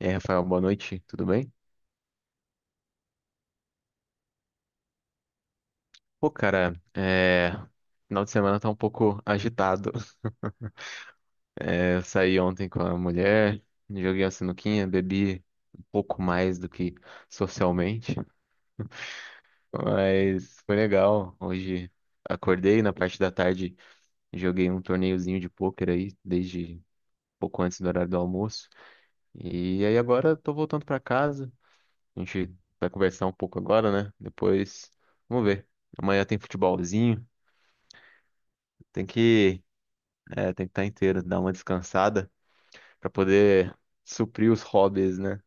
E aí, Rafael, boa noite, tudo bem? Pô, cara, final de semana tá um pouco agitado. Eu saí ontem com a mulher, joguei uma sinuquinha, bebi um pouco mais do que socialmente, mas foi legal. Hoje acordei na parte da tarde, joguei um torneiozinho de pôquer aí, desde pouco antes do horário do almoço. E aí agora tô voltando pra casa. A gente vai conversar um pouco agora, né? Depois, vamos ver. Amanhã tem futebolzinho. Tem que tem que estar inteiro, dar uma descansada pra poder suprir os hobbies, né?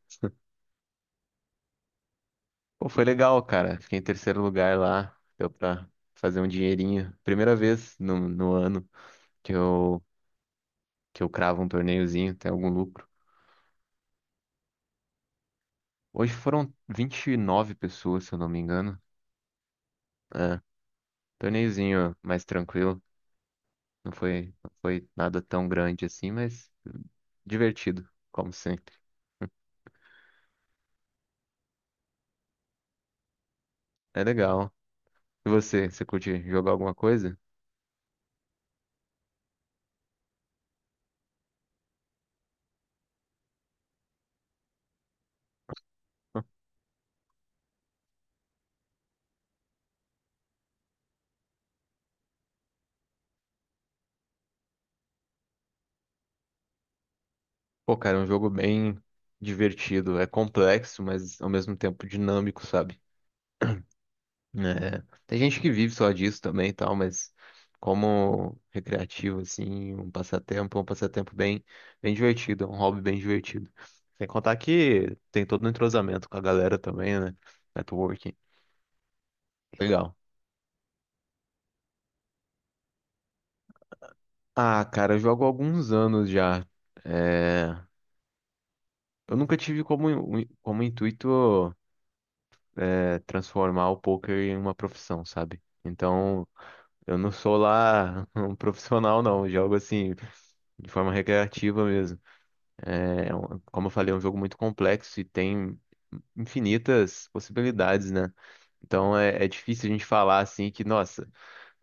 Pô, foi legal, cara. Fiquei em terceiro lugar lá. Deu pra fazer um dinheirinho. Primeira vez no ano que eu, que eu cravo um torneiozinho, tem algum lucro. Hoje foram 29 pessoas, se eu não me engano. É, torneiozinho mais tranquilo. Não foi nada tão grande assim, mas divertido, como sempre. É legal. E você, você curte jogar alguma coisa? Pô, cara, é um jogo bem divertido. É complexo, mas ao mesmo tempo dinâmico, sabe? É, Tem gente que vive só disso também e tal, mas como recreativo, assim, um passatempo, é um passatempo bem, bem divertido, é um hobby bem divertido. Sem contar que tem todo um entrosamento com a galera também, né? Networking. Legal. Ah, cara, eu jogo há alguns anos já. É, Eu nunca tive como intuito. Transformar o poker em uma profissão, sabe? Então, eu não sou lá um profissional, não. Eu jogo assim, de forma recreativa mesmo. Como eu falei, é um jogo muito complexo e tem infinitas possibilidades, né? Então é difícil a gente falar assim que, nossa,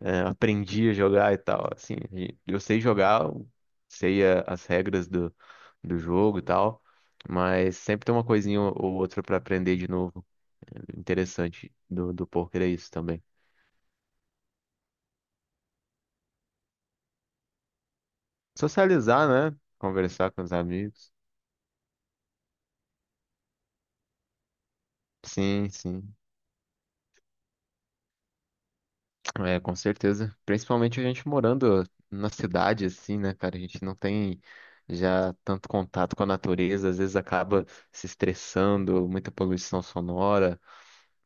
aprendi a jogar e tal. Assim, e eu sei jogar, eu as regras do jogo e tal, mas sempre tem uma coisinha ou outra pra aprender de novo interessante do poker é isso também. Socializar, né? Conversar com os amigos. Sim, sim. É, com certeza. Principalmente a gente morando na cidade, assim, né, cara? A gente não tem já tanto contato com a natureza, às vezes acaba se estressando, muita poluição sonora.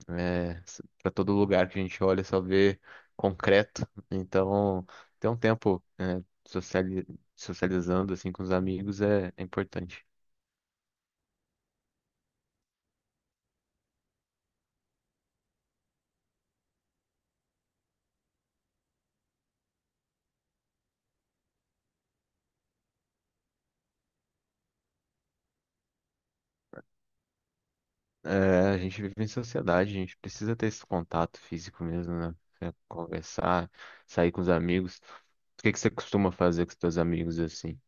É, Para todo lugar que a gente olha só vê concreto. Então, ter um tempo, sociali- socializando, assim, com os amigos é importante. É, a gente vive em sociedade, a gente precisa ter esse contato físico mesmo, né? É, conversar, sair com os amigos. O que que você costuma fazer com os teus amigos assim?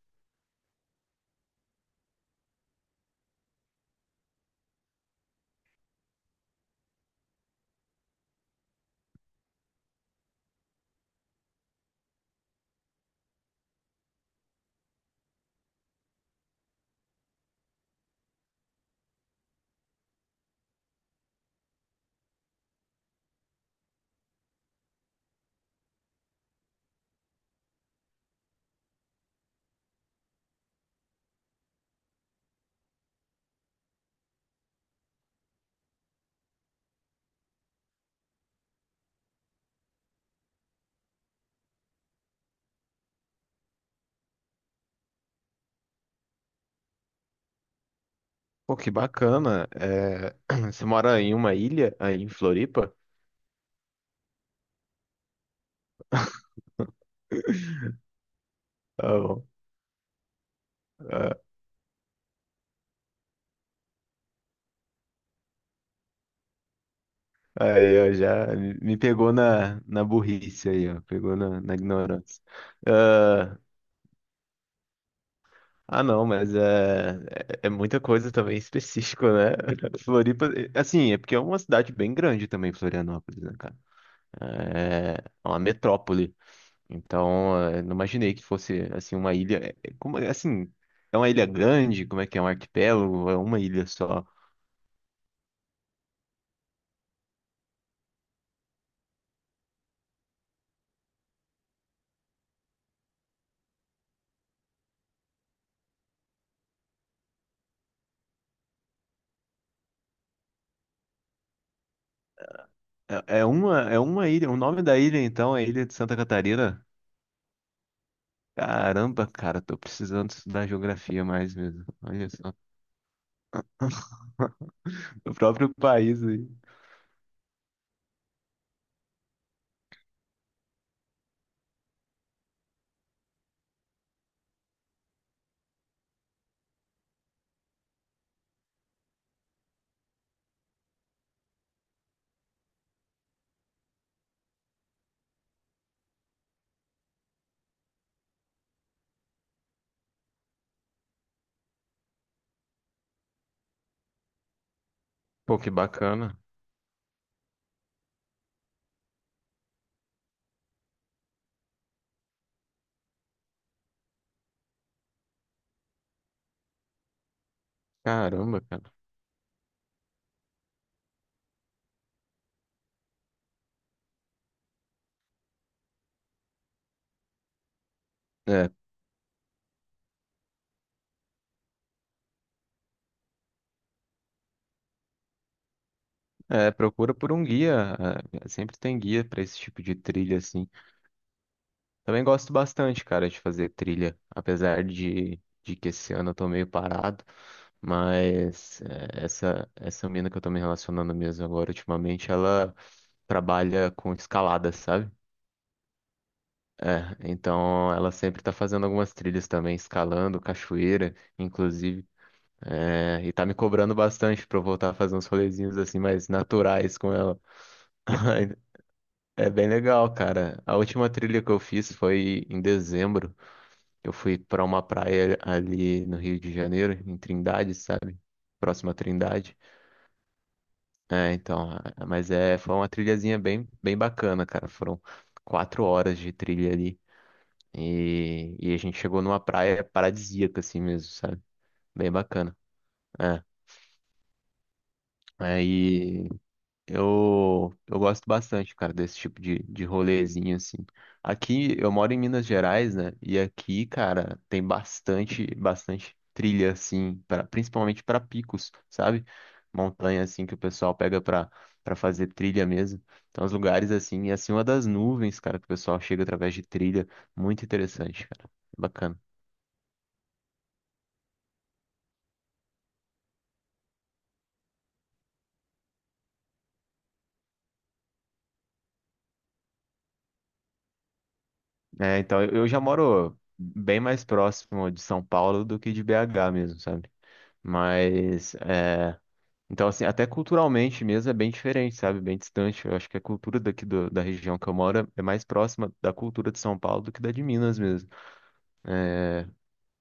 Pô, que bacana. É, você mora em uma ilha aí em Floripa? Tá bom. Ah, aí eu já me pegou na burrice aí, ó. Pegou na ignorância. Ah, não, mas é muita coisa também específica, né? Floripa, é, assim, é porque é uma cidade bem grande também, Florianópolis, né, cara? É é uma metrópole. Então, é, não imaginei que fosse, assim, uma ilha. É, assim, é uma ilha grande? Como é que é? Um arquipélago? É uma ilha só? É uma ilha. O nome da ilha, então, é Ilha de Santa Catarina? Caramba, cara, tô precisando estudar geografia mais mesmo. Olha só. O próprio país aí. Pô, que bacana. Caramba, cara. É, procura por um guia. Sempre tem guia pra esse tipo de trilha, assim. Também gosto bastante, cara, de fazer trilha, apesar de que esse ano eu tô meio parado. Mas é, essa mina que eu tô me relacionando mesmo agora ultimamente, ela trabalha com escalada, sabe? É, então ela sempre tá fazendo algumas trilhas também, escalando, cachoeira, inclusive. É, e tá me cobrando bastante pra eu voltar a fazer uns rolezinhos assim mais naturais com ela. É bem legal, cara. A última trilha que eu fiz foi em dezembro. Eu fui pra uma praia ali no Rio de Janeiro, em Trindade, sabe? Próxima a Trindade. É, então, mas é, foi uma trilhazinha bem, bem bacana, cara. Foram 4 horas de trilha ali. E a gente chegou numa praia paradisíaca, assim mesmo, sabe? Bem bacana. É. Aí eu gosto bastante, cara, desse tipo de rolezinho, assim. Aqui, eu moro em Minas Gerais, né? E aqui, cara, tem bastante, bastante trilha, assim, pra, principalmente para picos, sabe? Montanha, assim, que o pessoal pega pra fazer trilha mesmo. Então, os lugares, assim, e acima das nuvens, cara, que o pessoal chega através de trilha. Muito interessante, cara. Bacana. É, então, eu já moro bem mais próximo de São Paulo do que de BH mesmo, sabe? Mas, é, então, assim, até culturalmente mesmo é bem diferente, sabe? Bem distante. Eu acho que a cultura daqui da região que eu moro é mais próxima da cultura de São Paulo do que da de Minas mesmo.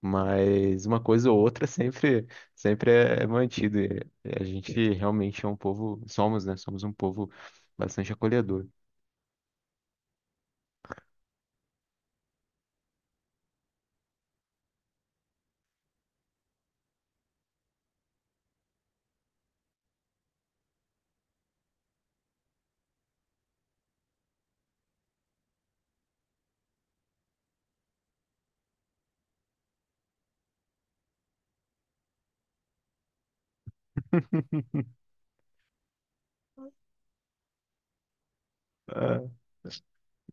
Mas uma coisa ou outra sempre, sempre é mantido. E a gente realmente é um povo, somos, né? Somos um povo bastante acolhedor.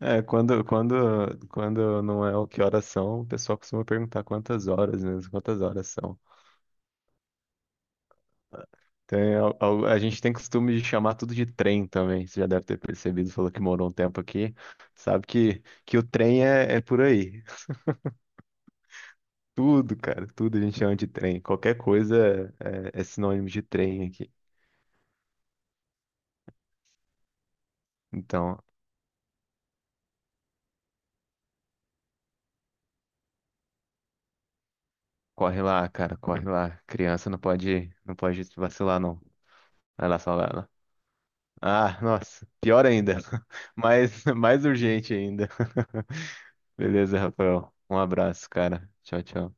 É, é, quando, quando, quando não é o que horas são, o pessoal costuma perguntar quantas horas mesmo, quantas horas são. Tem, a, gente tem costume de chamar tudo de trem também. Você já deve ter percebido, falou que morou um tempo aqui. Sabe que o trem é por aí. Tudo, cara, tudo a gente chama de trem. Qualquer coisa é sinônimo de trem aqui. Então, corre lá, cara, corre lá. Criança não pode, não pode vacilar, não. Vai lá salvar ela. Ah, nossa, pior ainda. Mais, mais urgente ainda. Beleza, Rafael. Um abraço, cara. Tchau, tchau.